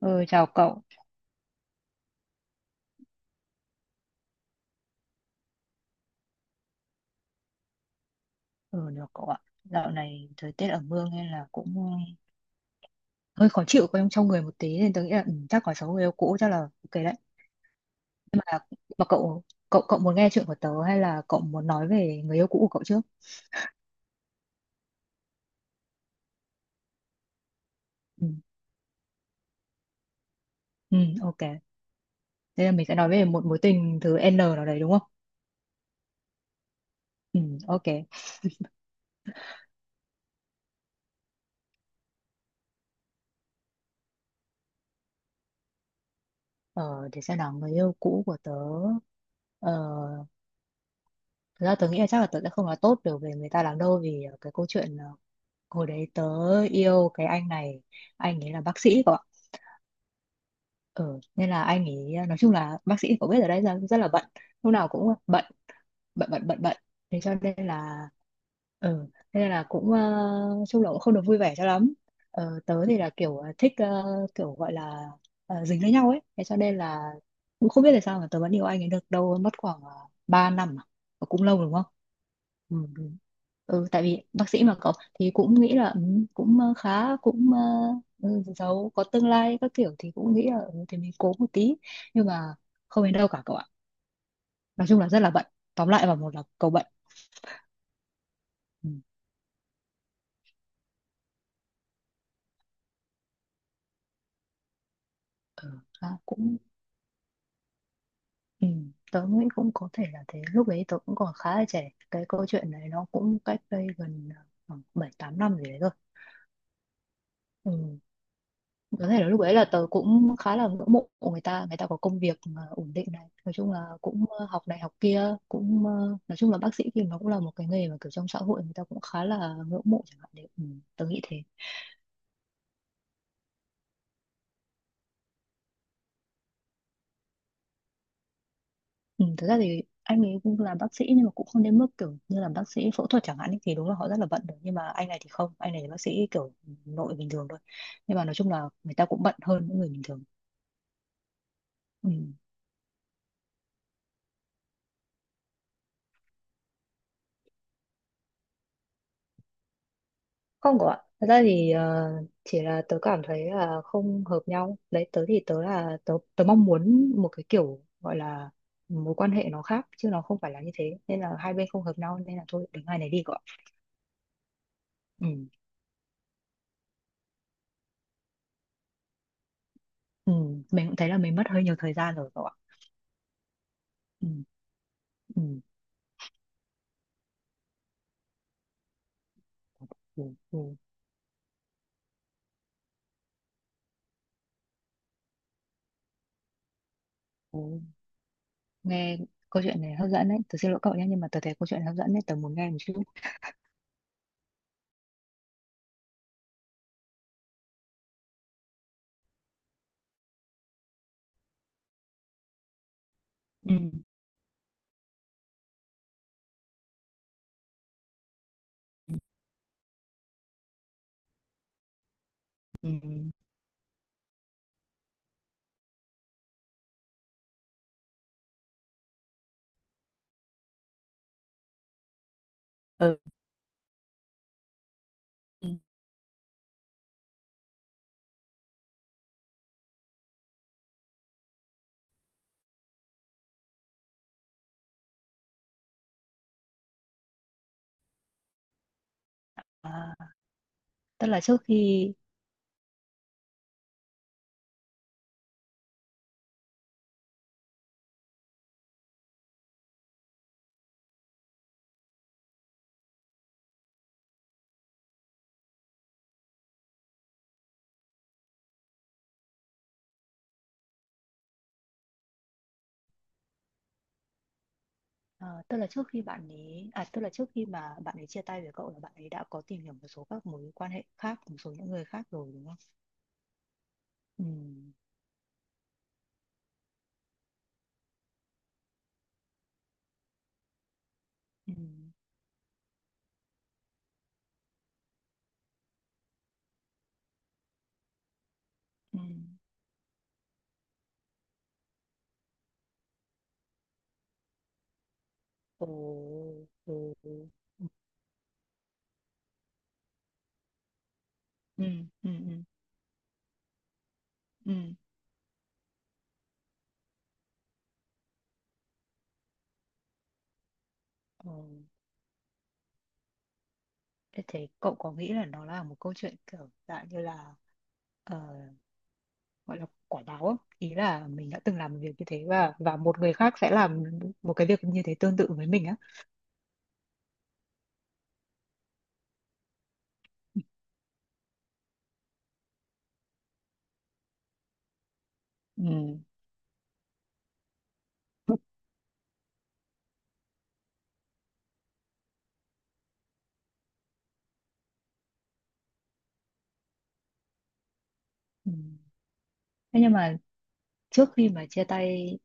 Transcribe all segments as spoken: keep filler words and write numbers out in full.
Ừ, chào cậu. Ừ, được cậu ạ. Dạo này thời tiết ở mương nên là cũng ừ, hơi khó chịu trong trong người một tí nên tôi nghĩ là ừ, chắc có số người yêu cũ chắc là ok đấy. Mà cậu cậu cậu muốn nghe chuyện của tớ hay là cậu muốn nói về người yêu cũ của cậu trước? Ừ, ừ ok. Thế là mình sẽ nói về một mối tình thứ N nào đấy đúng không? Ừ, ok. Ờ, để xem nào người yêu cũ của tớ. Ờ, Thực ra tớ nghĩ là chắc là tớ sẽ không nói tốt được về người ta lắm đâu vì ờ, cái câu chuyện ờ, hồi đấy tớ yêu cái anh này, anh ấy là bác sĩ cậu ạ. Ừ, nên là anh ấy, à, nói chung là bác sĩ thì có biết ở đây ra rất là bận, lúc nào cũng bận, bận bận bận bận, thế cho nên là, ừ, thế nên là cũng ờ, chung là cũng không được vui vẻ cho lắm. Ờ, tớ thì là kiểu ờ, thích, ờ, kiểu gọi là ờ, dính lấy nhau ấy. Thế cho nên là cũng không biết là sao mà tớ vẫn yêu anh ấy được, đâu mất khoảng uh, ba năm à. Ờ, cũng lâu đúng không? Ừ, đúng. Ừ, tại vì bác sĩ mà cậu, thì cũng nghĩ là ừ, cũng ờ, khá, cũng ờ, ừ, giàu có tương lai các kiểu thì cũng nghĩ là ừ, thì mình cố một tí, nhưng mà không đến đâu cả cậu ạ. Nói chung là rất là bận. Tóm lại vào một là cậu bận. Ừ, à, cũng, ừ, tớ nghĩ cũng có thể là thế. Lúc đấy tớ cũng còn khá là trẻ, cái câu chuyện này nó cũng cách đây gần, à, khoảng bảy tám năm gì đấy rồi. Ừ, có thể là lúc ấy là tớ cũng khá là ngưỡng mộ người ta, người ta có công việc mà ổn định này, nói chung là cũng ờ, học này học kia, cũng ờ, nói chung là bác sĩ thì nó cũng là một cái nghề mà kiểu trong xã hội người ta cũng khá là ngưỡng mộ chẳng hạn đấy. Ừ, tớ nghĩ thế. Ừ, thực ra thì anh ấy cũng là bác sĩ nhưng mà cũng không đến mức kiểu như là bác sĩ phẫu thuật chẳng hạn ấy, thì đúng là họ rất là bận được, nhưng mà anh này thì không, anh này là bác sĩ kiểu nội bình thường thôi, nhưng mà nói chung là người ta cũng bận hơn những người bình thường. Ừ. Không có ạ. Thật ra thì ờ, chỉ là tớ cảm thấy là không hợp nhau. Đấy, tớ thì tớ là tớ, tớ mong muốn một cái kiểu gọi là mối quan hệ nó khác, chứ nó không phải là như thế. Nên là hai bên không hợp nhau nên là thôi đến ngày này đi cậu ạ. Ừ. Ừ. Mình cũng thấy là mình mất hơi nhiều thời gian rồi cậu ạ. Ừ. Ừ. Ừ. Ừ. Ồ, nghe câu chuyện này hấp dẫn đấy. Tớ xin lỗi cậu nhé, nhưng mà tớ thấy câu chuyện này hấp dẫn đấy, tớ muốn nghe một chút. Ừ, ừ, ừ, ừ. À, tức là trước khi à, tức là trước khi bạn ấy, à tức là trước khi mà bạn ấy chia tay với cậu là bạn ấy đã có tìm hiểu một số các mối quan hệ khác, một số những người khác rồi đúng không? Ừ. Ừ, ừ. Ồ, ừ. Ồ. Ừ, ừ, ừ, ừ. Ồ. Thế thế cậu có nghĩ là nó là một câu chuyện kiểu dạng như là ờ, gọi là quả báo á. Ý là mình đã từng làm một việc như thế và và một người khác sẽ làm một cái việc như thế tương tự với mình á. Ừ. Ừ. Thế nhưng mà trước khi mà chia tay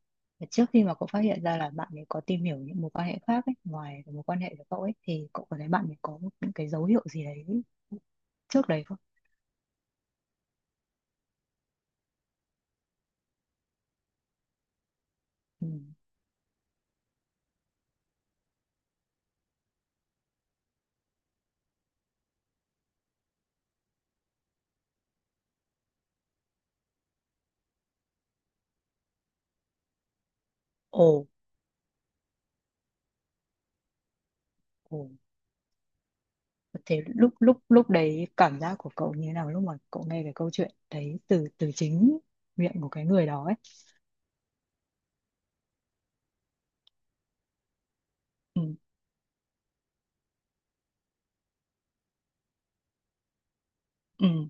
trước khi mà cậu phát hiện ra là bạn ấy có tìm hiểu những mối quan hệ khác ấy, ngoài cái mối quan hệ của cậu ấy, thì cậu có thấy bạn ấy có những cái dấu hiệu gì đấy trước đấy không? Ừ. Ồ. Ồ. Thế lúc lúc lúc đấy cảm giác của cậu như thế nào, lúc mà cậu nghe cái câu chuyện đấy từ, từ chính miệng của cái người đó ấy? Ừ, ừ,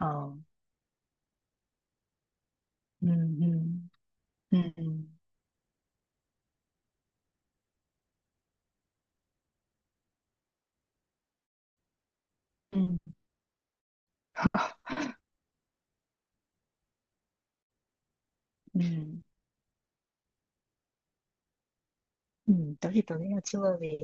ờ, ừ, ừ, ừ, ừ, ừ, ừ. Tớ thì tớ nghĩ là chưa, vì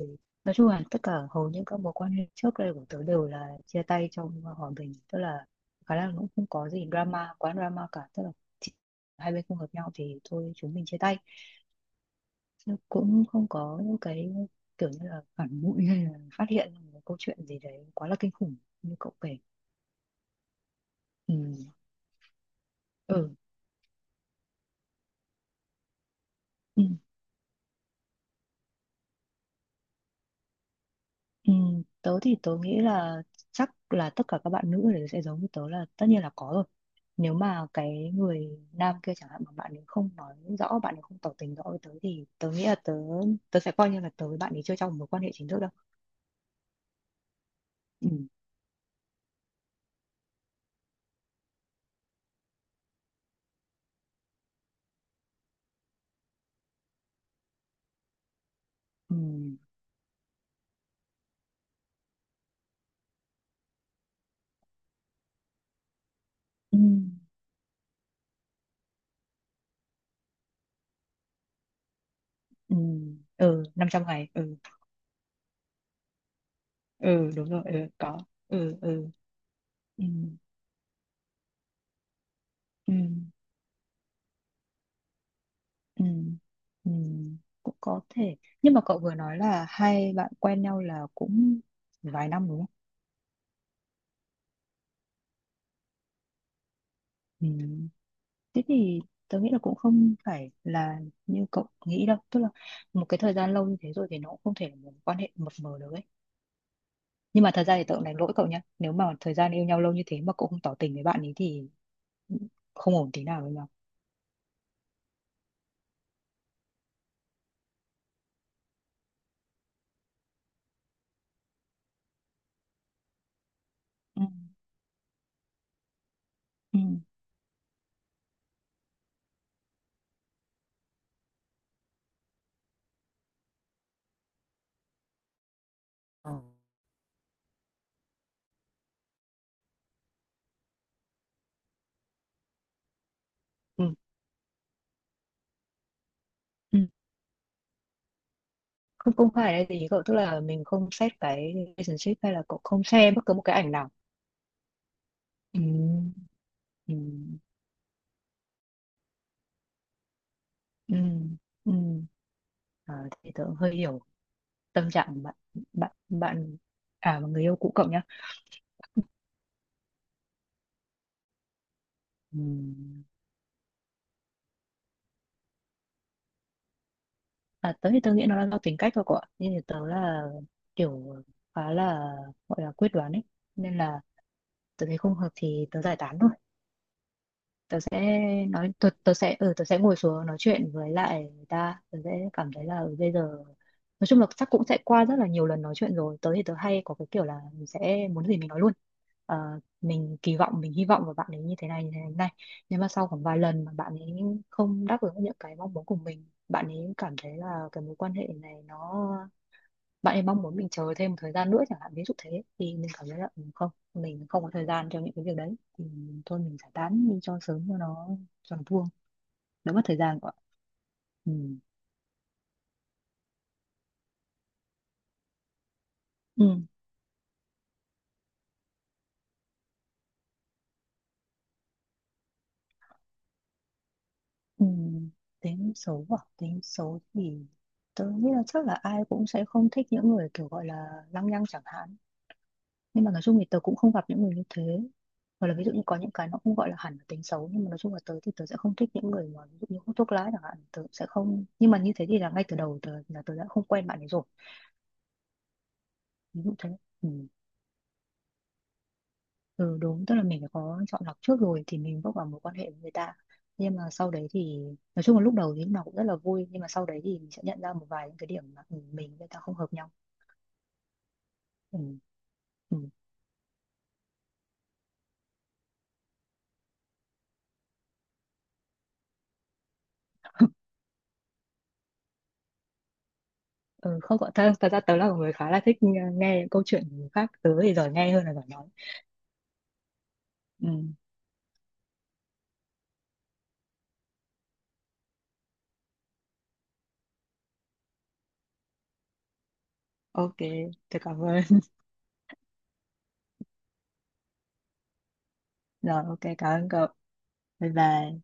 nói chung là tất cả hầu như các mối quan hệ trước đây của tớ đều là chia tay trong hòa bình, tức là khả năng cũng không có gì drama quá drama cả, tức là chỉ hai bên không hợp nhau thì thôi chúng mình chia tay. Chứ cũng không có những cái kiểu như là phản bội hay là phát hiện một câu chuyện gì đấy quá là kinh khủng như cậu kể. Ừ. Ừ. Ừ. Ừ, tớ thì tớ nghĩ là chắc là tất cả các bạn nữ đều sẽ giống như tớ là tất nhiên là có rồi. Nếu mà cái người nam kia chẳng hạn mà bạn ấy không nói rõ, bạn ấy không tỏ tình rõ với tớ, thì tớ nghĩ là tớ tớ sẽ coi như là tớ với bạn ấy chưa trong một mối quan hệ chính thức đâu. Ừ, ừ, ừ, ừ, ừ năm trăm ngày, ừ, ừ đúng rồi, ừ có, ừ, ừ, ừ, ừ, ừ, ừ, cũng có thể. Nhưng mà cậu vừa nói là hai bạn quen nhau là cũng vài năm đúng không? Ừ. Thế thì tớ nghĩ là cũng không phải là như cậu nghĩ đâu. Tức là một cái thời gian lâu như thế rồi thì nó cũng không thể là một quan hệ mập mờ được ấy. Nhưng mà thật ra thì tớ cũng đánh lỗi cậu nhá, nếu mà thời gian yêu nhau lâu như thế mà cậu không tỏ tình với bạn ấy thì không ổn tí nào với nhau. Ừ. Ừ. Ờ. Ừ. Ừ. Không, không phải là gì cậu. Tức là mình không xét cái relationship hay là cậu không share bất cứ một cái ảnh nào. Ừ. Ừ. Ừ. Ừ. Ờ, thì tớ cũng hơi hiểu tâm trạng của bạn bạn bạn, à và người yêu cũ cậu nhá. Ừm, à, tớ thì tớ nghĩ nó là do tính cách thôi cậu ạ. Nhưng thì tớ là kiểu khá là gọi là quyết đoán ấy, nên là tớ thấy không hợp thì tớ giải tán thôi. tớ sẽ nói Tớ, tớ sẽ, ừ, tớ sẽ ngồi xuống nói chuyện với lại người ta, tớ sẽ cảm thấy là ừ, bây giờ nói chung là chắc cũng sẽ qua rất là nhiều lần nói chuyện rồi. Tớ thì tớ hay có cái kiểu là mình sẽ muốn gì mình nói luôn. Ờ, mình kỳ vọng, mình hy vọng vào bạn ấy như thế này, như thế này, như thế này. Nhưng mà sau khoảng vài lần mà bạn ấy không đáp ứng những cái mong muốn của mình, bạn ấy cảm thấy là cái mối quan hệ này nó, bạn ấy mong muốn mình chờ thêm một thời gian nữa chẳng hạn, ví dụ thế, thì mình cảm thấy là ừ, không, mình không có thời gian cho những cái việc đấy, thì thôi mình giải tán đi cho sớm, cho nó, cho nó vuông, đỡ mất thời gian của bạn. Ừ. Ừ. Ừ. Tính xấu à, tính xấu thì tôi nghĩ là chắc là ai cũng sẽ không thích những người kiểu gọi là lăng nhăng chẳng hạn, nhưng mà nói chung thì tớ cũng không gặp những người như thế. Hoặc là ví dụ như có những cái nó không gọi là hẳn là tính xấu, nhưng mà nói chung là tớ thì tớ sẽ không thích những người mà ví dụ như hút thuốc lá chẳng hạn, tớ sẽ không, nhưng mà như thế thì là ngay từ đầu tớ là tớ đã không quen bạn ấy rồi, ví dụ thế. Ừ. Ừ, đúng, tức là mình phải có chọn lọc trước rồi thì mình bước vào mối quan hệ với người ta. Nhưng mà sau đấy thì nói chung là lúc đầu thì lúc nào cũng rất là vui, nhưng mà sau đấy thì mình sẽ nhận ra một vài những cái điểm mà ừ, mình với người ta không hợp nhau. Ừ. Ừ. Ừ, không có, thật thật ra tớ là một người khá là thích nghe nghe câu chuyện của người khác, tớ thì giỏi nghe hơn là giỏi nói. Ừ. Ok, tôi cảm ơn. Rồi, ok cảm ơn cậu. Bye bye.